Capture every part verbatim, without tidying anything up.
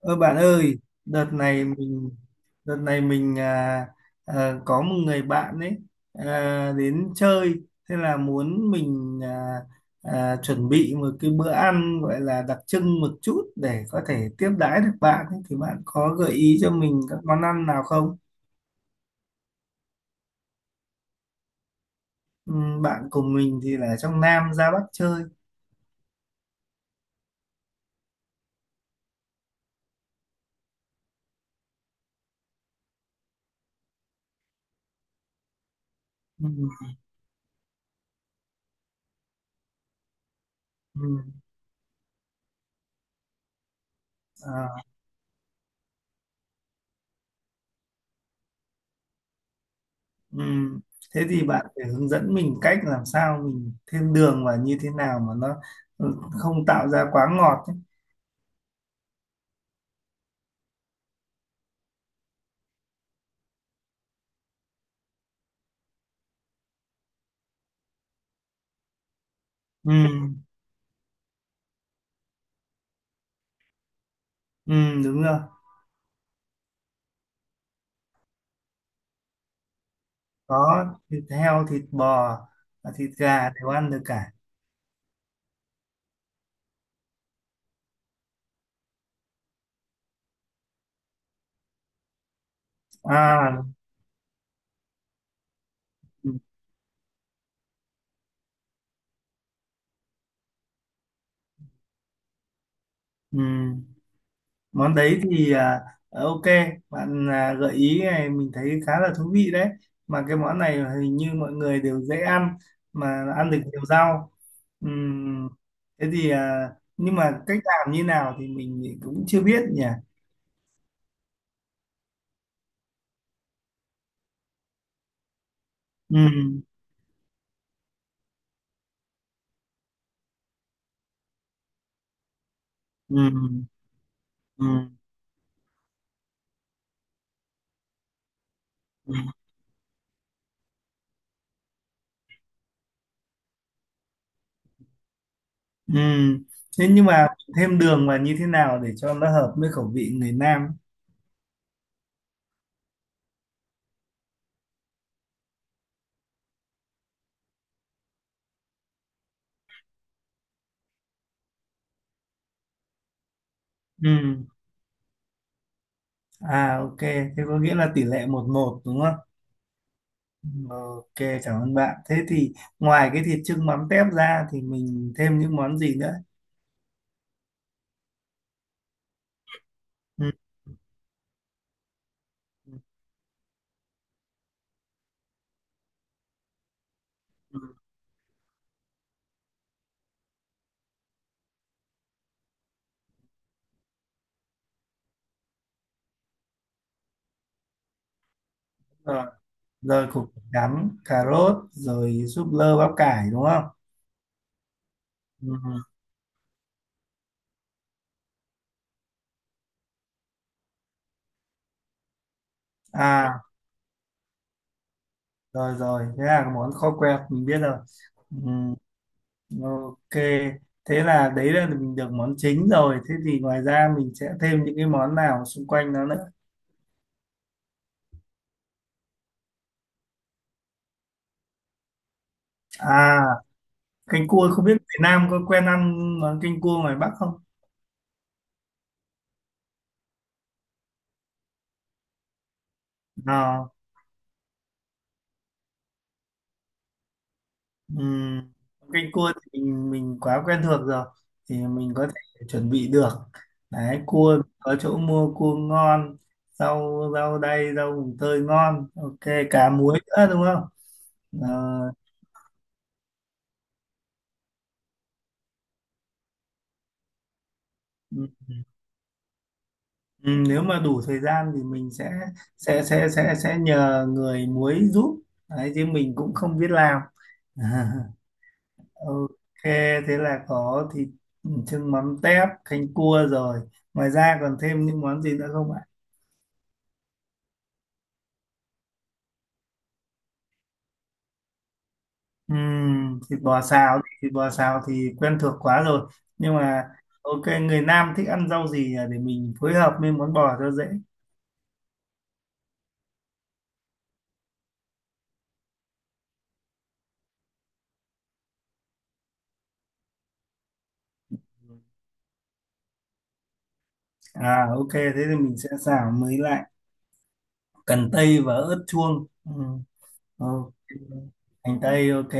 Ơ bạn ơi, đợt này mình đợt này mình à, à, có một người bạn ấy à, đến chơi, thế là muốn mình à, à, chuẩn bị một cái bữa ăn gọi là đặc trưng một chút để có thể tiếp đãi được bạn ấy. Thì bạn có gợi ý cho mình các món ăn nào không? Ừm, bạn cùng mình thì là trong Nam ra Bắc chơi. Ừ, ừ, à. Ừm, Thế thì bạn phải hướng dẫn mình cách làm sao mình thêm đường và như thế nào mà nó ừ, không tạo ra quá ngọt ấy. Ừm, ừm, đúng rồi. Có thịt heo, thịt bò, và thịt gà đều ăn được cả. À, ừm, ừm. Món đấy thì à, ờ, ok, bạn à, gợi ý này mình thấy khá là thú vị đấy, mà cái món này hình như mọi người đều dễ ăn, mà ăn được nhiều rau. Ừm, thế thì à, nhưng mà cách làm như nào thì mình cũng chưa biết nhỉ. Ừm, ừm, ừm, ừm, ừm. Thế nhưng mà thêm đường vào như thế nào để cho nó hợp với khẩu vị người Nam? Ừm, à ok, thế có nghĩa là tỷ lệ một một đúng không? Ok, cảm ơn bạn. Thế thì ngoài cái thịt chưng mắm tép ra thì mình thêm những món gì nữa? Ừ, ừ, ừ, rồi, rồi củ cắm, cà rốt, rồi súp lơ, bắp cải đúng không? Ừ, ừ. À, rồi rồi, thế là món kho quẹt mình biết rồi. Ừ, ok, thế là đấy là mình được món chính rồi. Thế thì ngoài ra mình sẽ thêm những cái món nào xung quanh nó nữa? À, canh cua không biết Việt Nam có quen ăn món canh cua ngoài Bắc không? À. Ừm, canh cua thì mình mình quá quen thuộc rồi, thì mình có thể chuẩn bị được. Đấy, cua có chỗ mua cua ngon, rau rau đay, rau mùng tơi ngon, ok, cá muối nữa đúng không? Ờ, ừm, ừm, nếu mà đủ thời gian thì mình sẽ sẽ sẽ sẽ sẽ nhờ người muối giúp, đấy chứ mình cũng không biết làm. Ok, thế là có thịt, ừm, chưng mắm tép, canh cua rồi, ngoài ra còn thêm những món gì nữa không ạ? Ừm, thịt bò xào thịt bò xào thì quen thuộc quá rồi, nhưng mà ok, người Nam thích ăn rau gì à, để mình phối hợp với món bò cho dễ. À ok, thế thì mình sẽ xào mới lại cần tây và ớt chuông. Ừm, ok, hành tây ok.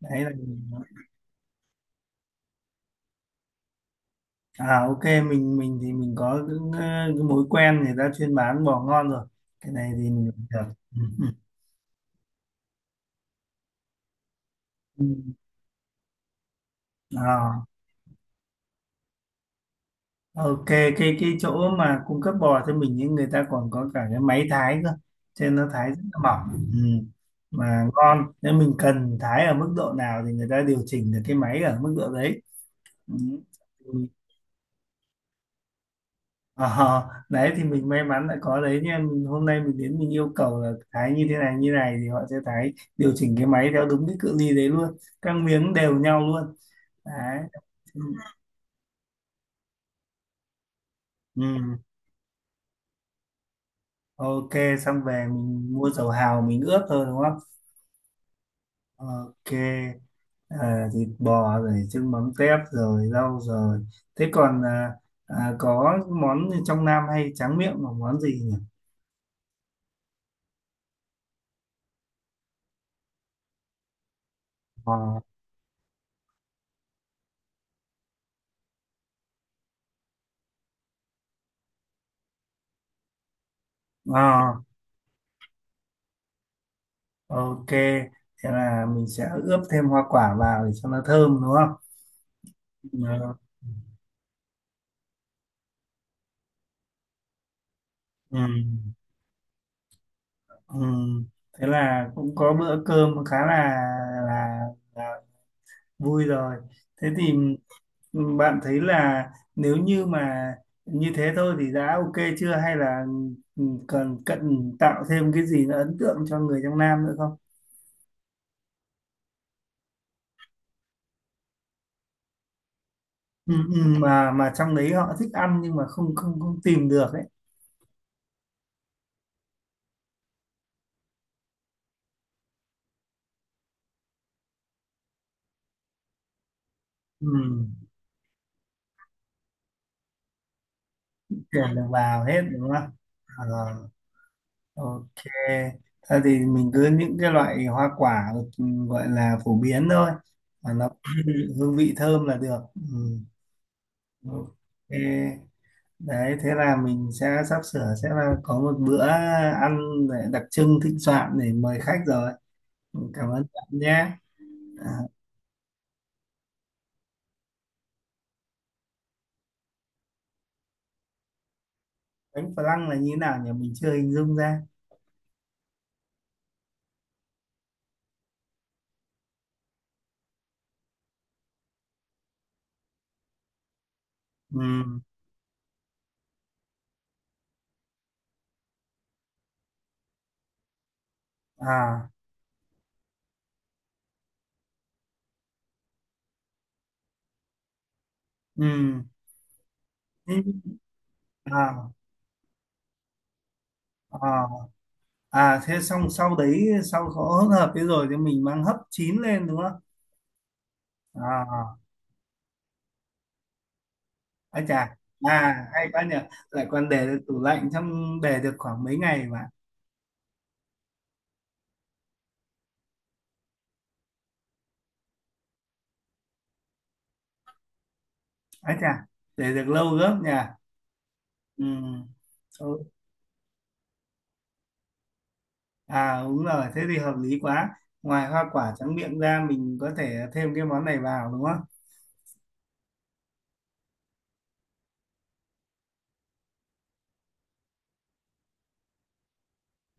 Đấy là à ok mình mình thì mình có cái, cái mối quen người ta chuyên bán bò ngon rồi, cái này thì mình được. Ừm, ừm. À ok, cái cái chỗ mà cung cấp bò cho mình những người ta còn có cả cái máy thái cơ, cho nên nó thái rất là mỏng, ừ. Mà ngon. Nếu mình cần thái ở mức độ nào thì người ta điều chỉnh được cái máy ở mức độ đấy. Ừ. Ừ. Ờ, đấy thì mình may mắn đã có đấy nha. Mình, hôm nay mình đến mình yêu cầu là thái như thế này như này thì họ sẽ thái, điều chỉnh cái máy theo đúng cái cự ly đấy luôn, các miếng đều nhau luôn. Đấy. Ừ. Ừ. Ok, xong về mình mua dầu hào mình ướp thôi đúng không? Ok, à, thịt bò rồi, trứng mắm tép rồi, rau rồi. Thế còn à, à, có món gì trong Nam hay tráng miệng là món gì nhỉ? Ờ, ờ, ok, thế là mình sẽ ướp thêm hoa quả vào để cho nó thơm đúng không? Ờ, ừ. Ừ. Thế là cũng có bữa cơm khá là là, là vui rồi. Thế thì bạn thấy là nếu như mà như thế thôi thì đã ok chưa, hay là ừ, cần cần tạo thêm cái gì nó ấn tượng cho người trong Nam nữa không? Ừ, ừ, mà mà trong đấy họ thích ăn nhưng mà không không không tìm được ấy. Ừ, tuyển được vào hết đúng không? À, ok, thôi thì mình cứ những cái loại hoa quả, ừ, gọi là phổ biến thôi, mà nó hương vị thơm là được, ừ. Ok, đấy thế là mình sẽ sắp sửa sẽ là có một bữa ăn để đặc trưng, thịnh soạn để mời khách rồi. Cảm ơn bạn nhé. À, bánh phở lăng là như thế nào nhỉ, mình chưa hình dung ra. Ừ. À, ừ. Thế- à à à Thế xong sau đấy, sau có hỗn hợp thế rồi thì mình mang hấp chín lên đúng không? À, à chà, à hay quá nhỉ, lại còn để được tủ lạnh, trong để được khoảng mấy ngày mà. À chà, để được lâu gấp nhỉ. Ừ. Ok. À đúng rồi, thế thì hợp lý quá. Ngoài hoa quả tráng miệng ra mình có thể thêm cái món này vào đúng không?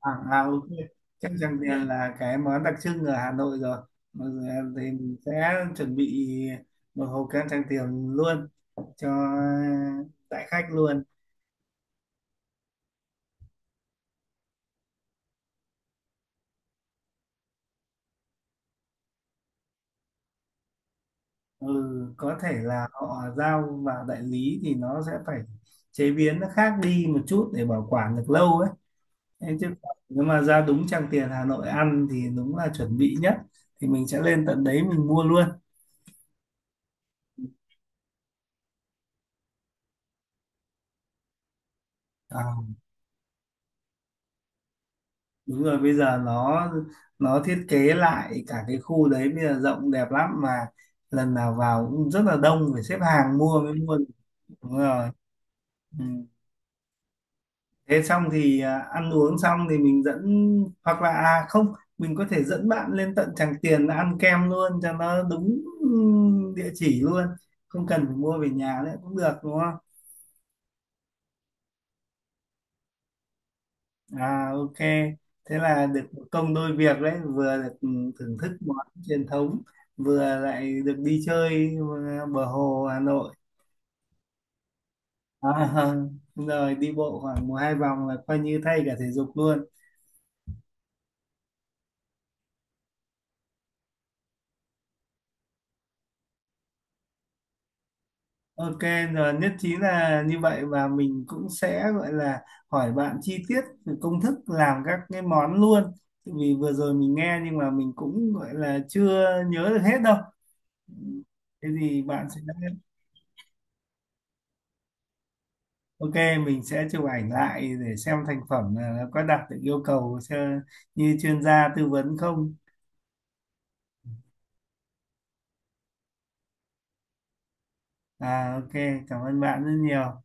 À, à ok, chắc rằng tiền là cái món đặc trưng ở Hà Nội rồi. Mà giờ thì mình sẽ chuẩn bị một hộp kem Tràng Tiền luôn cho đại khách luôn. Ừ, có thể là họ giao vào đại lý thì nó sẽ phải chế biến nó khác đi một chút để bảo quản được lâu ấy. Thế chứ còn nếu mà ra đúng Trang Tiền Hà Nội ăn thì đúng là chuẩn bị nhất, thì mình sẽ lên tận đấy mình mua luôn. À, đúng rồi, bây giờ nó nó thiết kế lại cả cái khu đấy, bây giờ rộng đẹp lắm mà, lần nào vào cũng rất là đông, phải xếp hàng mua mới mua được. Đúng rồi, ừ. Thế xong thì à, ăn uống xong thì mình dẫn, hoặc là à không, mình có thể dẫn bạn lên tận Tràng Tiền ăn kem luôn cho nó đúng, ừ, địa chỉ luôn, không cần phải mua về nhà nữa cũng được đúng. À ok, thế là được một công đôi việc đấy, vừa được, ừ, thưởng thức món truyền thống, vừa lại được đi chơi ờ, bờ hồ Hà Nội. À, rồi đi bộ khoảng một hai vòng là coi như thay cả thể dục luôn. Ok, rồi nhất trí là như vậy, và mình cũng sẽ gọi là hỏi bạn chi tiết về công thức làm các cái món luôn. Vì vừa rồi mình nghe nhưng mà mình cũng gọi là chưa nhớ được hết đâu. Thế thì bạn sẽ Ok, mình sẽ chụp ảnh lại để xem thành phẩm là nó có đạt được yêu cầu cho- như chuyên gia tư vấn không. À, ok, cảm ơn bạn rất nhiều.